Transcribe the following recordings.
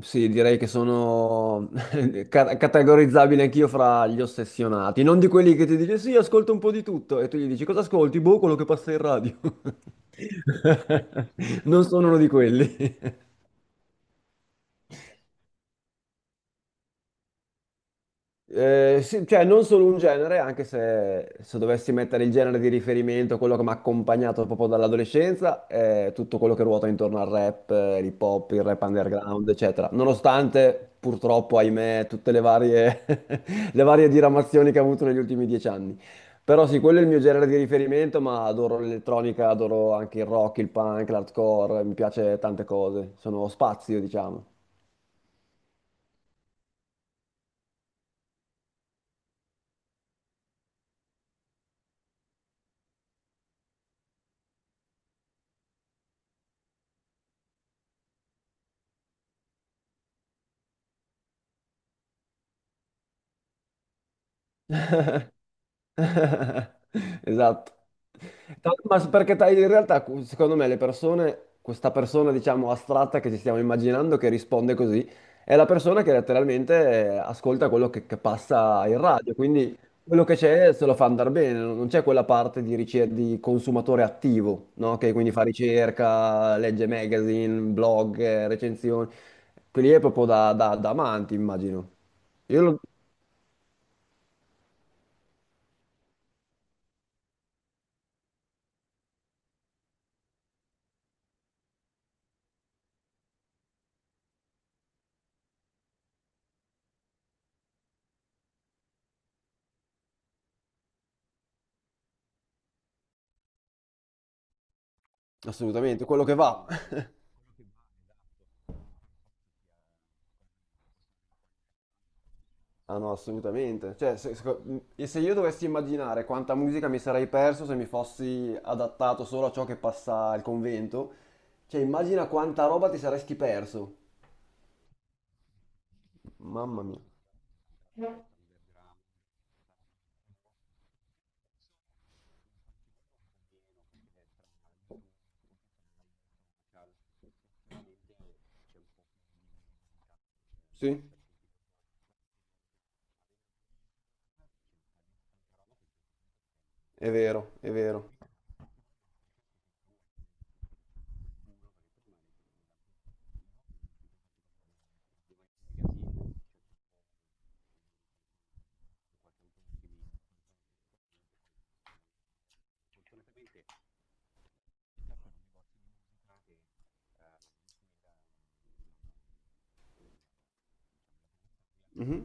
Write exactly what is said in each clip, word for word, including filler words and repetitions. Sì, direi che sono ca- categorizzabile anch'io fra gli ossessionati, non di quelli che ti dice sì, ascolta un po' di tutto e tu gli dici cosa ascolti? Boh, quello che passa in radio. Non sono uno di quelli. Eh, sì, cioè non solo un genere, anche se, se dovessi mettere il genere di riferimento, quello che mi ha accompagnato proprio dall'adolescenza, è tutto quello che ruota intorno al rap, eh, l'hip hop, il rap underground, eccetera. Nonostante, purtroppo, ahimè, tutte le varie, le varie diramazioni che ha avuto negli ultimi dieci anni. Però sì, quello è il mio genere di riferimento, ma adoro l'elettronica, adoro anche il rock, il punk, l'hardcore, mi piace tante cose, sono spazio, diciamo. Esatto. Ta- Ma s- perché ta- in realtà, cu- secondo me, le persone, questa persona, diciamo, astratta che ci stiamo immaginando che risponde così, è la persona che letteralmente eh, ascolta quello che, che passa in radio, quindi quello che c'è se lo fa andare bene, non non c'è quella parte di, ricer- di consumatore attivo, no? Che quindi fa ricerca, legge magazine, blog, eh, recensioni, quelli è proprio da, da- da amanti, immagino. Io lo- Assolutamente, quello che va. Ah no, assolutamente. Cioè, se, seco- e se io dovessi immaginare quanta musica mi sarei perso se mi fossi adattato solo a ciò che passa al convento, cioè immagina quanta roba ti saresti perso. Mamma mia. Sì, è vero, è vero. Mhm.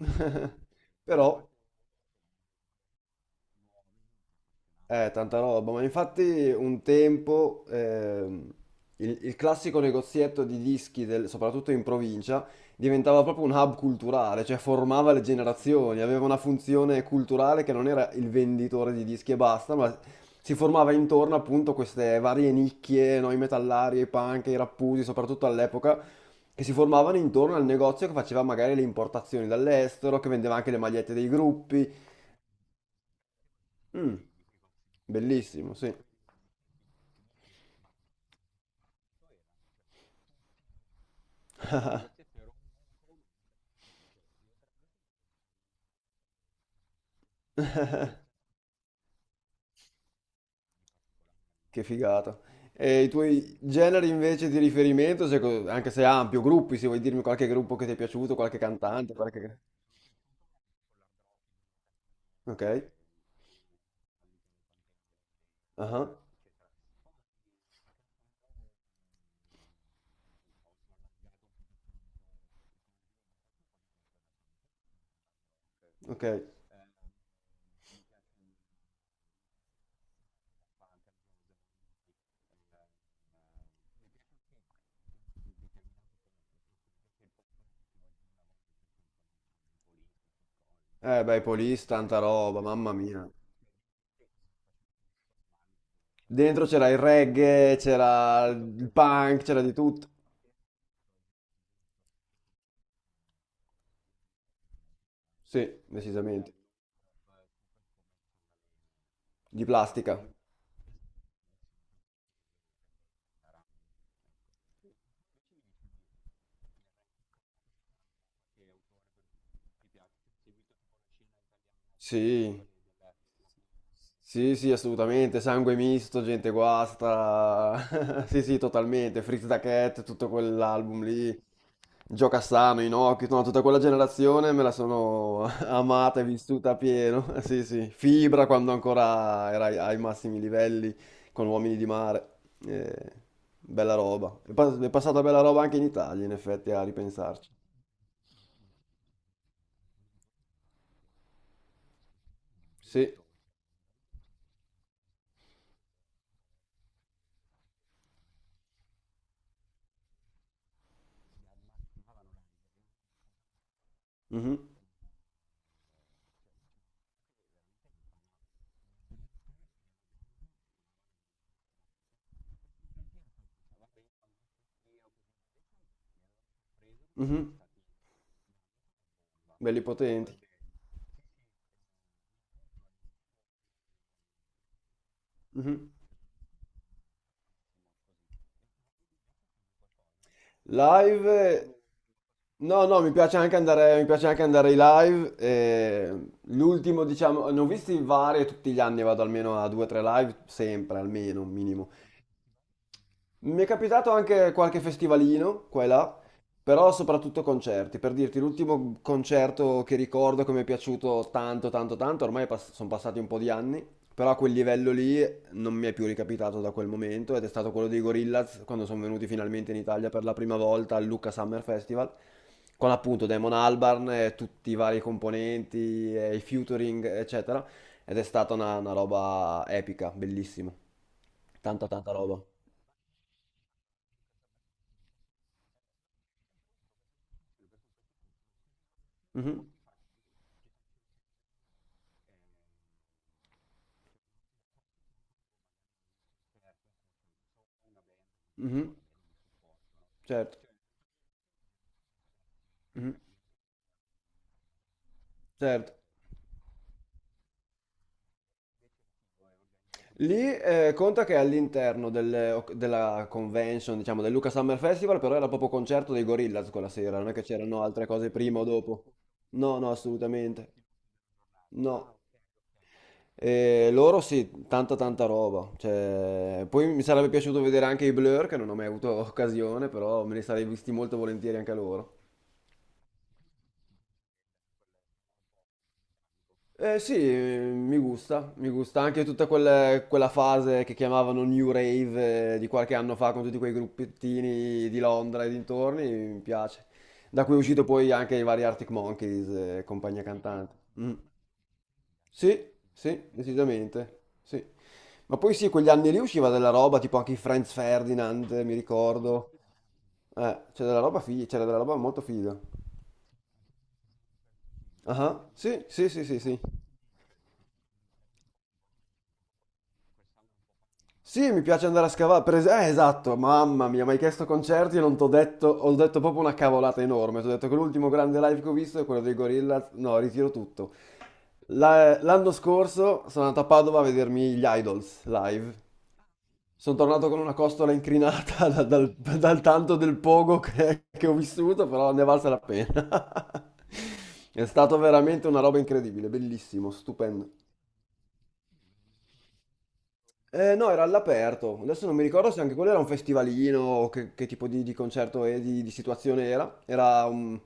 Però, Eh, tanta roba, ma infatti un tempo ehm, il, il classico negozietto di dischi, del- soprattutto in provincia, diventava proprio un hub culturale, cioè formava le generazioni, aveva una funzione culturale che non era il venditore di dischi e basta, ma si formava intorno appunto a queste varie nicchie, no? I metallari, i punk, i rappusi, soprattutto all'epoca, che si formavano intorno al negozio che faceva magari le importazioni dall'estero, che vendeva anche le magliette dei gruppi. Mm, bellissimo, sì. Che figata. E i tuoi generi invece di riferimento, se co- anche se ampio, gruppi, se vuoi dirmi qualche gruppo che ti è piaciuto, qualche cantante, qualche... Ok? Ah, ok. Eh beh, i Police, tanta roba, mamma mia. Dentro c'era il reggae, c'era il punk, c'era di tutto. Sì, decisamente. Di plastica. Sì, sì, sì, assolutamente. Sangue misto, gente guasta. Sì, sì, totalmente. Fritz da Cat, tutto quell'album lì. Gioca sano, Inoki, no, tutta quella generazione me la sono amata e vissuta a pieno. Sì, sì. Fibra quando ancora era ai, ai massimi livelli con Uomini di Mare. Eh, bella roba. È, pas- è passata bella roba anche in Italia, in effetti, a ripensarci. Sì, mh-mh. Mh-mh. Belli potenti. Mh-mh. Live no, no, mi piace anche andare mi piace anche andare ai live, ehm, l'ultimo diciamo ne ho visti vari, tutti gli anni vado almeno a due, tre live, sempre almeno, un minimo. Mi è capitato anche qualche festivalino qua e là, però soprattutto concerti. Per dirti, l'ultimo concerto che ricordo che mi è piaciuto tanto, tanto, tanto, ormai sono passati un po' di anni, però a quel livello lì non mi è più ricapitato da quel momento ed è stato quello dei Gorillaz quando sono venuti finalmente in Italia per la prima volta al Lucca Summer Festival, con appunto Damon Albarn e tutti i vari componenti, e i featuring, eccetera, ed è stata una, una roba epica, bellissima. Tanta, tanta roba. Mhm. Mhm, certo, mhm, certo. Lì eh, conta che all'interno delle- oc- della convention, diciamo, del Luca Summer Festival, però era proprio concerto dei Gorillaz quella sera, non è che c'erano altre cose prima o dopo. No, no, assolutamente. No. E loro sì, tanta tanta roba. Cioè, poi mi sarebbe piaciuto vedere anche i Blur, che non ho mai avuto occasione, però me li sarei visti molto volentieri anche loro. Eh sì, mi gusta, mi gusta anche tutta quel- quella fase che chiamavano New Rave eh, di qualche anno fa con tutti quei gruppettini di Londra e dintorni, mi piace. Da cui è uscito poi anche i vari Arctic Monkeys e compagnia cantante. Mm. Sì, sì, decisamente, sì. Ma poi sì, quegli anni lì usciva della roba, tipo anche i Franz Ferdinand, eh, mi ricordo. Eh, c'era della roba figa, c'era della roba molto figa. Ah, sì, sì, sì, sì, sì. Sì, mi piace andare a scavare. Per es- eh, esatto, mamma mia, mi hai chiesto concerti e non t'ho detto, ho detto proprio una cavolata enorme. Ti ho detto che l'ultimo grande live che ho visto è quello dei Gorillaz. No, ritiro tutto. La- l'anno scorso sono andato a Padova a vedermi gli Idols live. Sono tornato con una costola incrinata da- dal, dal tanto del pogo che, che ho vissuto, però ne è valsa la pena. È stato veramente una roba incredibile, bellissimo, stupendo. Eh, no, era all'aperto. Adesso non mi ricordo se anche quello era un festivalino o che, che, tipo di, di concerto e di, di situazione era. Era un...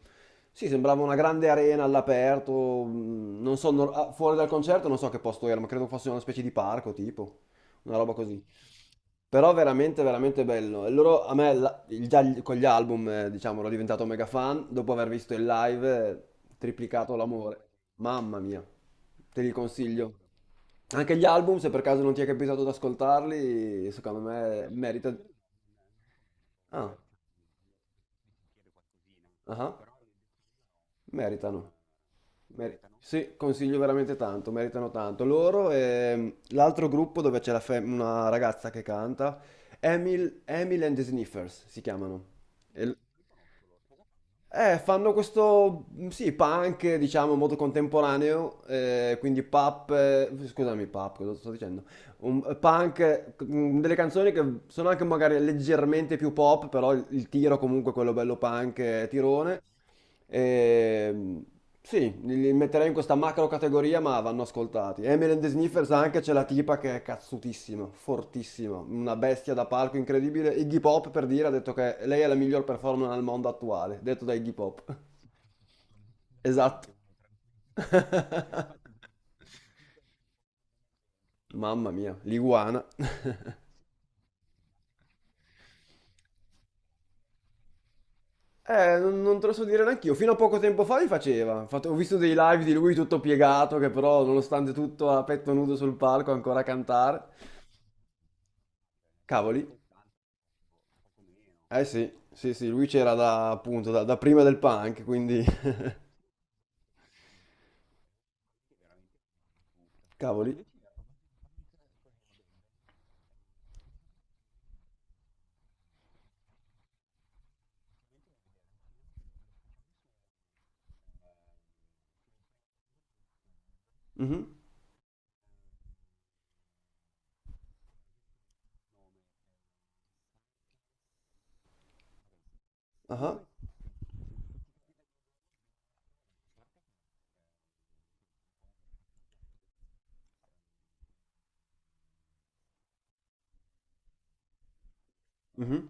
Sì, sembrava una grande arena all'aperto. mm, Non so, nor- ah, fuori dal concerto non so che posto era, ma credo fosse una specie di parco, tipo. Una roba così. Però veramente, veramente bello. E loro, a me, la- il- già gli- con gli album, eh, diciamo, ero diventato mega fan. Dopo aver visto il live, eh, triplicato l'amore. Mamma mia, te li consiglio. Anche gli album, se per caso non ti è capitato di ascoltarli, secondo me merita... Ah, ah, meritano. Mer- sì, consiglio veramente tanto, meritano tanto. Loro e l'altro gruppo dove c'è la fe- una ragazza che canta, Emil, Emil and the Sniffers si chiamano. E- l- eh, Fanno questo, sì, punk, diciamo, molto contemporaneo, eh, quindi pop, eh, scusami, pop, cosa sto dicendo? Un, punk, eh, mm, delle canzoni che sono anche magari leggermente più pop, però il, il tiro comunque è quello bello punk, eh, tirone. Ehm, sì, li, li metterei in questa macro categoria, ma vanno ascoltati. Emily and the Sniffers anche c'è la tipa che è cazzutissima, fortissima, una bestia da palco incredibile. Iggy Pop per dire ha detto che lei è la miglior performer al mondo attuale, detto da Iggy Pop. Esatto. Mamma mia, l'iguana. Eh, non, non te lo so dire neanch'io. Fino a poco tempo fa li faceva. Fate- ho visto dei live di lui tutto piegato, che però, nonostante tutto, a petto nudo sul palco, ancora a cantare. Cavoli. Eh sì, sì, sì, lui c'era da, appunto, da, da prima del punk, quindi... Cavoli. Mhm. Ah. Mhm.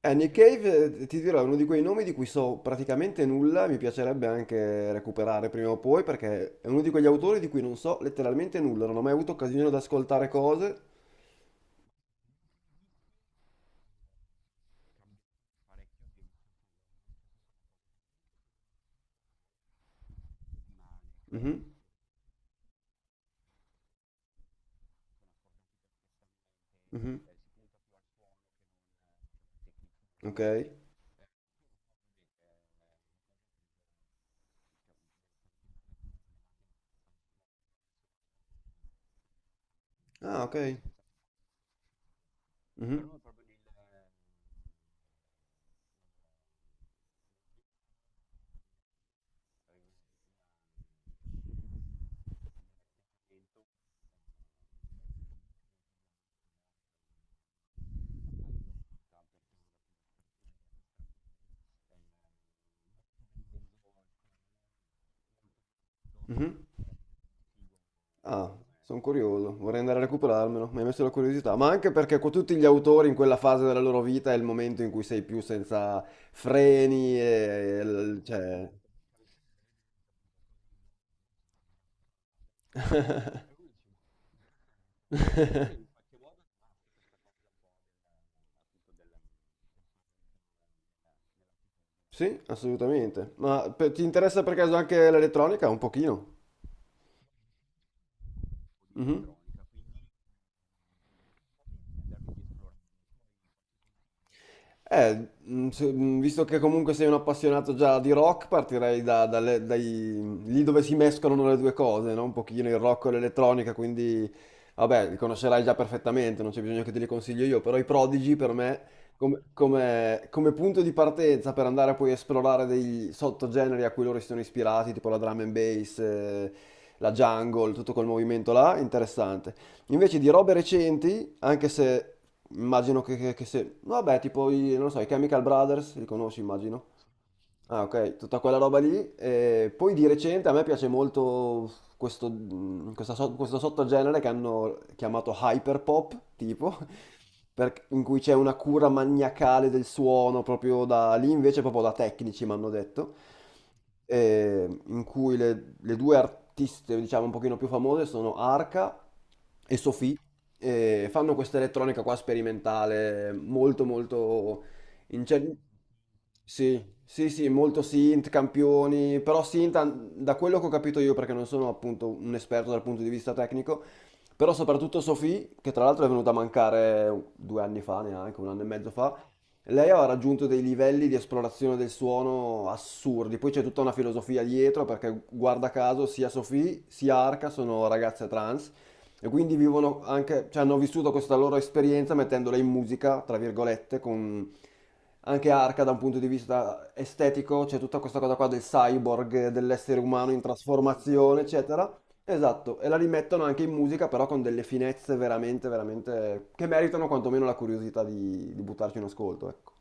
Eh, Nick Cave, eh, ti dirò, è uno di quei nomi di cui so praticamente nulla, mi piacerebbe anche recuperare prima o poi, perché è uno di quegli autori di cui non so letteralmente nulla, non ho mai avuto occasione di ascoltare cose. Mhm, mhm, ok. Ah, ok. Mhm, mhm. Ah, sono curioso, vorrei andare a recuperarmelo, mi hai messo la curiosità, ma anche perché con tutti gli autori in quella fase della loro vita è il momento in cui sei più senza freni e l- cioè... Sì, assolutamente, ma per- ti interessa per caso anche l'elettronica? Un pochino. Mhm. Eh, mh, se- mh, visto che comunque sei un appassionato già di rock, partirei da, dalle- dai, lì dove si mescolano le due cose, no? Un pochino il rock e l'elettronica, quindi vabbè, li conoscerai già perfettamente, non c'è bisogno che te li consiglio io, però i Prodigy per me, come, come- come punto di partenza per andare a poi esplorare dei sottogeneri a cui loro si sono ispirati, tipo la drum and bass, eh, la jungle, tutto quel movimento là, interessante. Invece di robe recenti, anche se immagino che, che- che se... no, vabbè, tipo, i, non lo so, i Chemical Brothers, li conosci, immagino. Ah, ok, tutta quella roba lì. E poi di recente a me piace molto questo, mh, questa so- questo sottogenere che hanno chiamato hyperpop, tipo, per- in cui c'è una cura maniacale del suono, proprio da lì invece, proprio da tecnici, mi hanno detto, e in cui le, le due artiste, diciamo, un pochino più famose sono Arca e Sophie, e fanno questa elettronica qua sperimentale molto molto in cer- Sì, sì, sì, molto synth, campioni, però synth, an- da quello che ho capito io, perché non sono appunto un esperto dal punto di vista tecnico, però soprattutto Sophie, che tra l'altro è venuta a mancare due anni fa, neanche un anno e mezzo fa, lei aveva raggiunto dei livelli di esplorazione del suono assurdi, poi c'è tutta una filosofia dietro, perché guarda caso sia Sophie sia Arca sono ragazze trans, e quindi vivono anche, cioè hanno vissuto questa loro esperienza mettendola in musica, tra virgolette, con anche Arca da un punto di vista estetico, c'è tutta questa cosa qua del cyborg, dell'essere umano in trasformazione, eccetera. Esatto, e la rimettono anche in musica, però con delle finezze veramente, veramente che meritano quantomeno la curiosità di, di buttarci un ascolto, ecco.